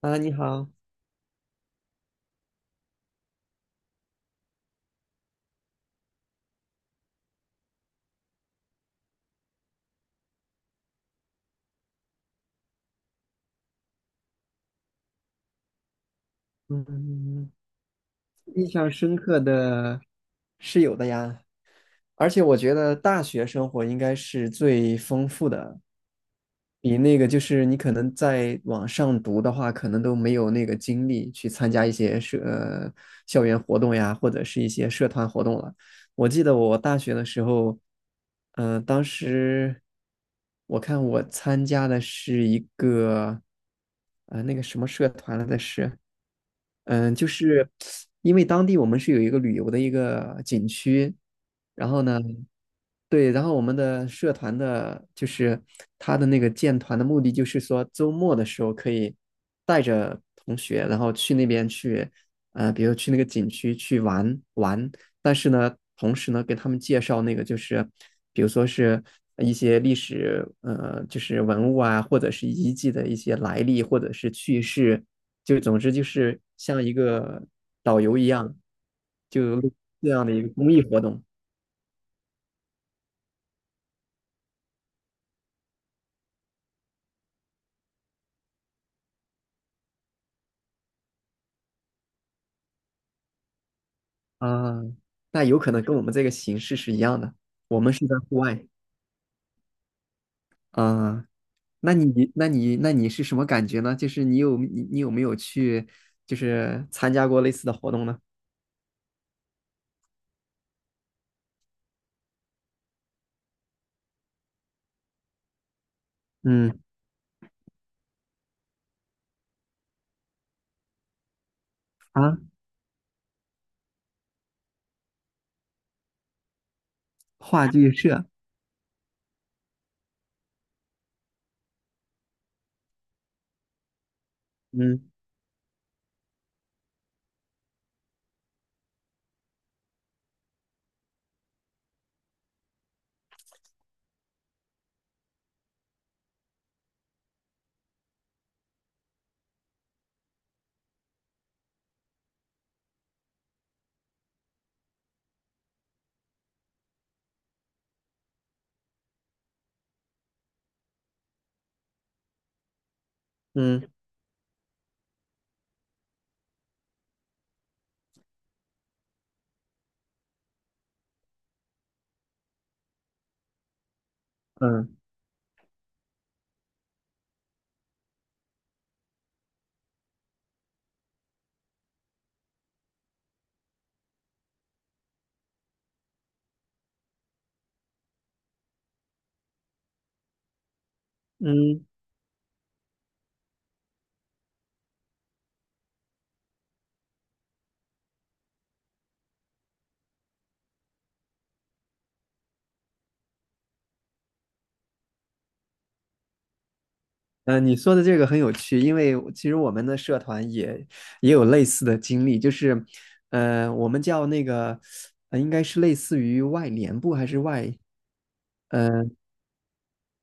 啊，你好。嗯，印象深刻的是有的呀，而且我觉得大学生活应该是最丰富的，比那个就是你可能在网上读的话，可能都没有那个精力去参加一些校园活动呀，或者是一些社团活动了。我记得我大学的时候，当时我看我参加的是一个，那个什么社团来的是。就是因为当地我们是有一个旅游的一个景区，然后呢，对，然后我们的社团的，就是他的那个建团的目的，就是说周末的时候可以带着同学，然后去那边去，比如去那个景区去玩玩。但是呢，同时呢，给他们介绍那个就是，比如说是一些历史，就是文物啊，或者是遗迹的一些来历，或者是趣事，就总之就是像一个导游一样，就这样的一个公益活动。啊，那有可能跟我们这个形式是一样的，我们是在户外。啊，那你是什么感觉呢？就是你有没有去，就是参加过类似的活动呢？嗯。啊，话剧社。嗯嗯嗯嗯。呃，你说的这个很有趣，因为其实我们的社团也有类似的经历，就是，呃，我们叫那个，呃应该是类似于外联部还是外，呃，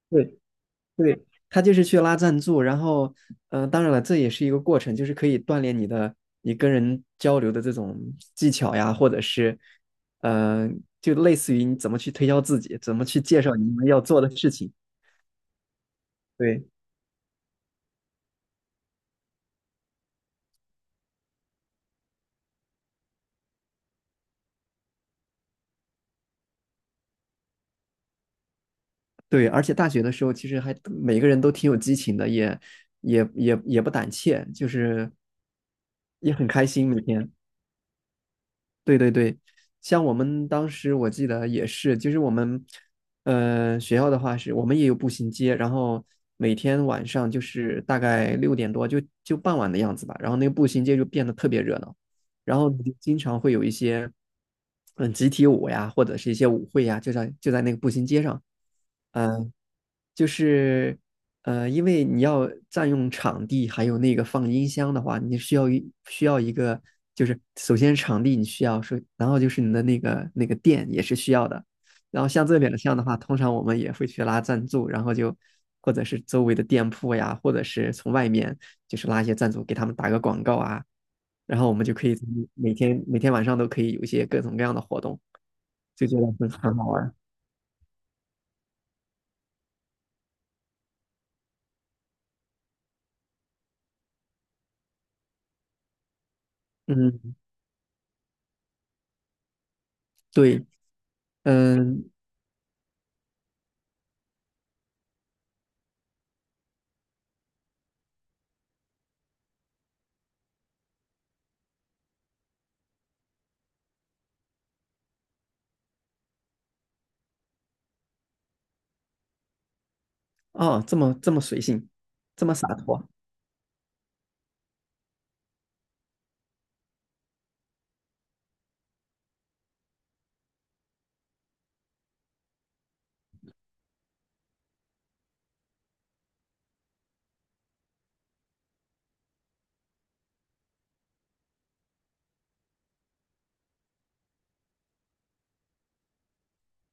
对。对，他就是去拉赞助，然后，嗯，当然了，这也是一个过程，就是可以锻炼你的你跟人交流的这种技巧呀，或者是，呃，就类似于你怎么去推销自己，怎么去介绍你们要做的事情。对对，而且大学的时候，其实还每个人都挺有激情的，也不胆怯，就是也很开心每天。对对对，像我们当时我记得也是，就是我们，呃，学校的话是我们也有步行街，然后每天晚上就是大概六点多就傍晚的样子吧，然后那个步行街就变得特别热闹，然后你就经常会有一些，嗯，集体舞呀，或者是一些舞会呀，就在那个步行街上。嗯、就是因为你要占用场地，还有那个放音箱的话，你需要一个，就是首先场地你需要是，然后就是你的那个店也是需要的。然后像这边的像的话，通常我们也会去拉赞助，然后就或者是周围的店铺呀，或者是从外面就是拉一些赞助给他们打个广告啊，然后我们就可以每天晚上都可以有一些各种各样的活动，就觉得很很好玩。嗯，对。嗯。哦，这么这么随性，这么洒脱。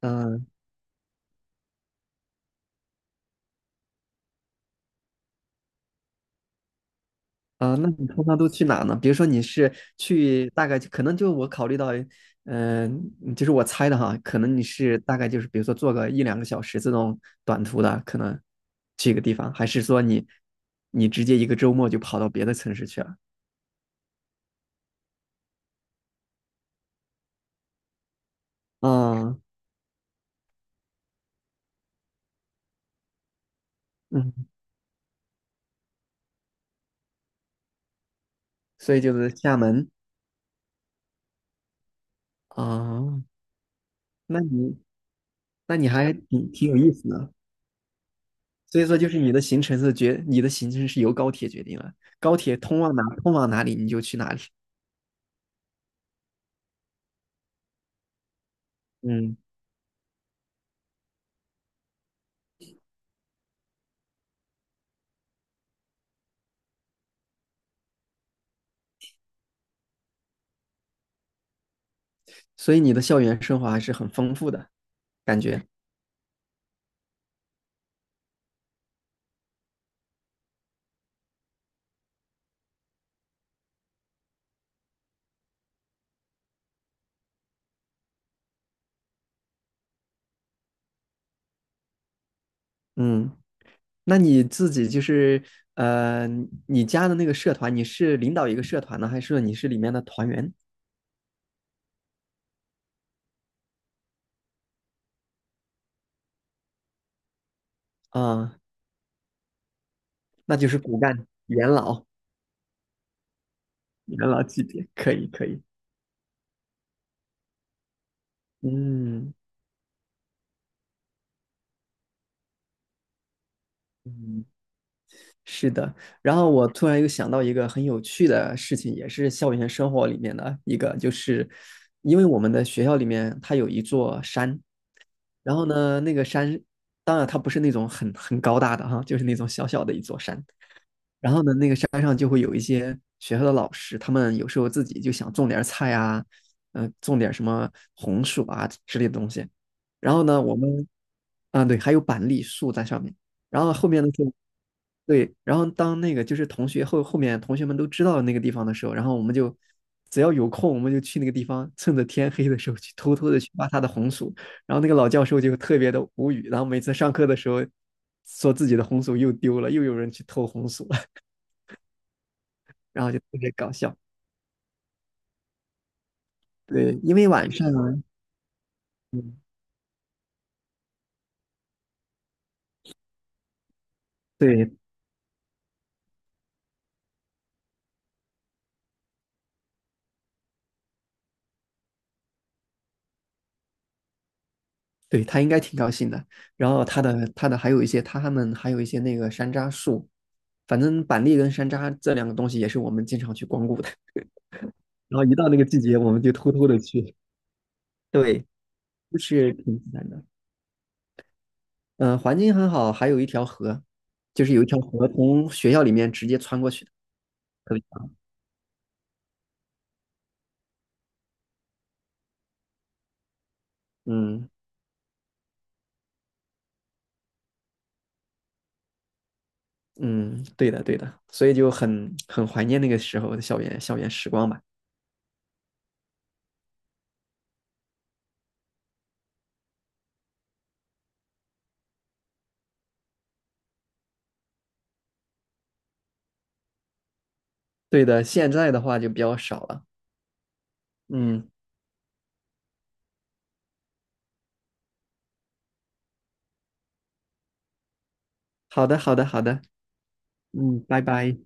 嗯。啊，呃那你通常都去哪呢？比如说你是去大概可能就我考虑到，嗯、就是我猜的哈，可能你是大概就是比如说坐个一两个小时这种短途的，可能去一个地方，还是说你你直接一个周末就跑到别的城市去了？啊。嗯，所以就是厦门。啊，那你那你还挺挺有意思的。所以说就是你的行程是决，你的行程是由高铁决定了，高铁通往哪通往哪里你就去哪里。嗯。所以你的校园生活还是很丰富的感觉。嗯，那你自己就是呃，你加的那个社团，你是领导一个社团呢，还是说你是里面的团员啊？那就是骨干元老，元老级别，可以可以。嗯嗯，是的。然后我突然又想到一个很有趣的事情，也是校园生活里面的一个，就是因为我们的学校里面它有一座山，然后呢，那个山，当然它不是那种很很高大的哈，就是那种小小的一座山，然后呢，那个山上就会有一些学校的老师，他们有时候自己就想种点菜啊，种点什么红薯啊之类的东西。然后呢，我们啊，对，还有板栗树在上面。然后后面的时候，对，然后当那个就是同学后面同学们都知道那个地方的时候，然后我们就只要有空，我们就去那个地方，趁着天黑的时候去偷偷的去挖他的红薯。然后那个老教授就特别的无语，然后每次上课的时候说自己的红薯又丢了，又有人去偷红薯。然后就特别搞笑。对，因为晚上，嗯，对对，他应该挺高兴的。然后他的还有一些他们还有一些那个山楂树，反正板栗跟山楂这两个东西也是我们经常去光顾的。然后一到那个季节，我们就偷偷的去 对，就是挺自然的。嗯、呃环境很好，还有一条河，就是有一条河从学校里面直接穿过去的，特别长。嗯嗯，对的对的，所以就很很怀念那个时候的校园时光吧。对的，现在的话就比较少了。嗯，好的，好的，好的。嗯，拜拜。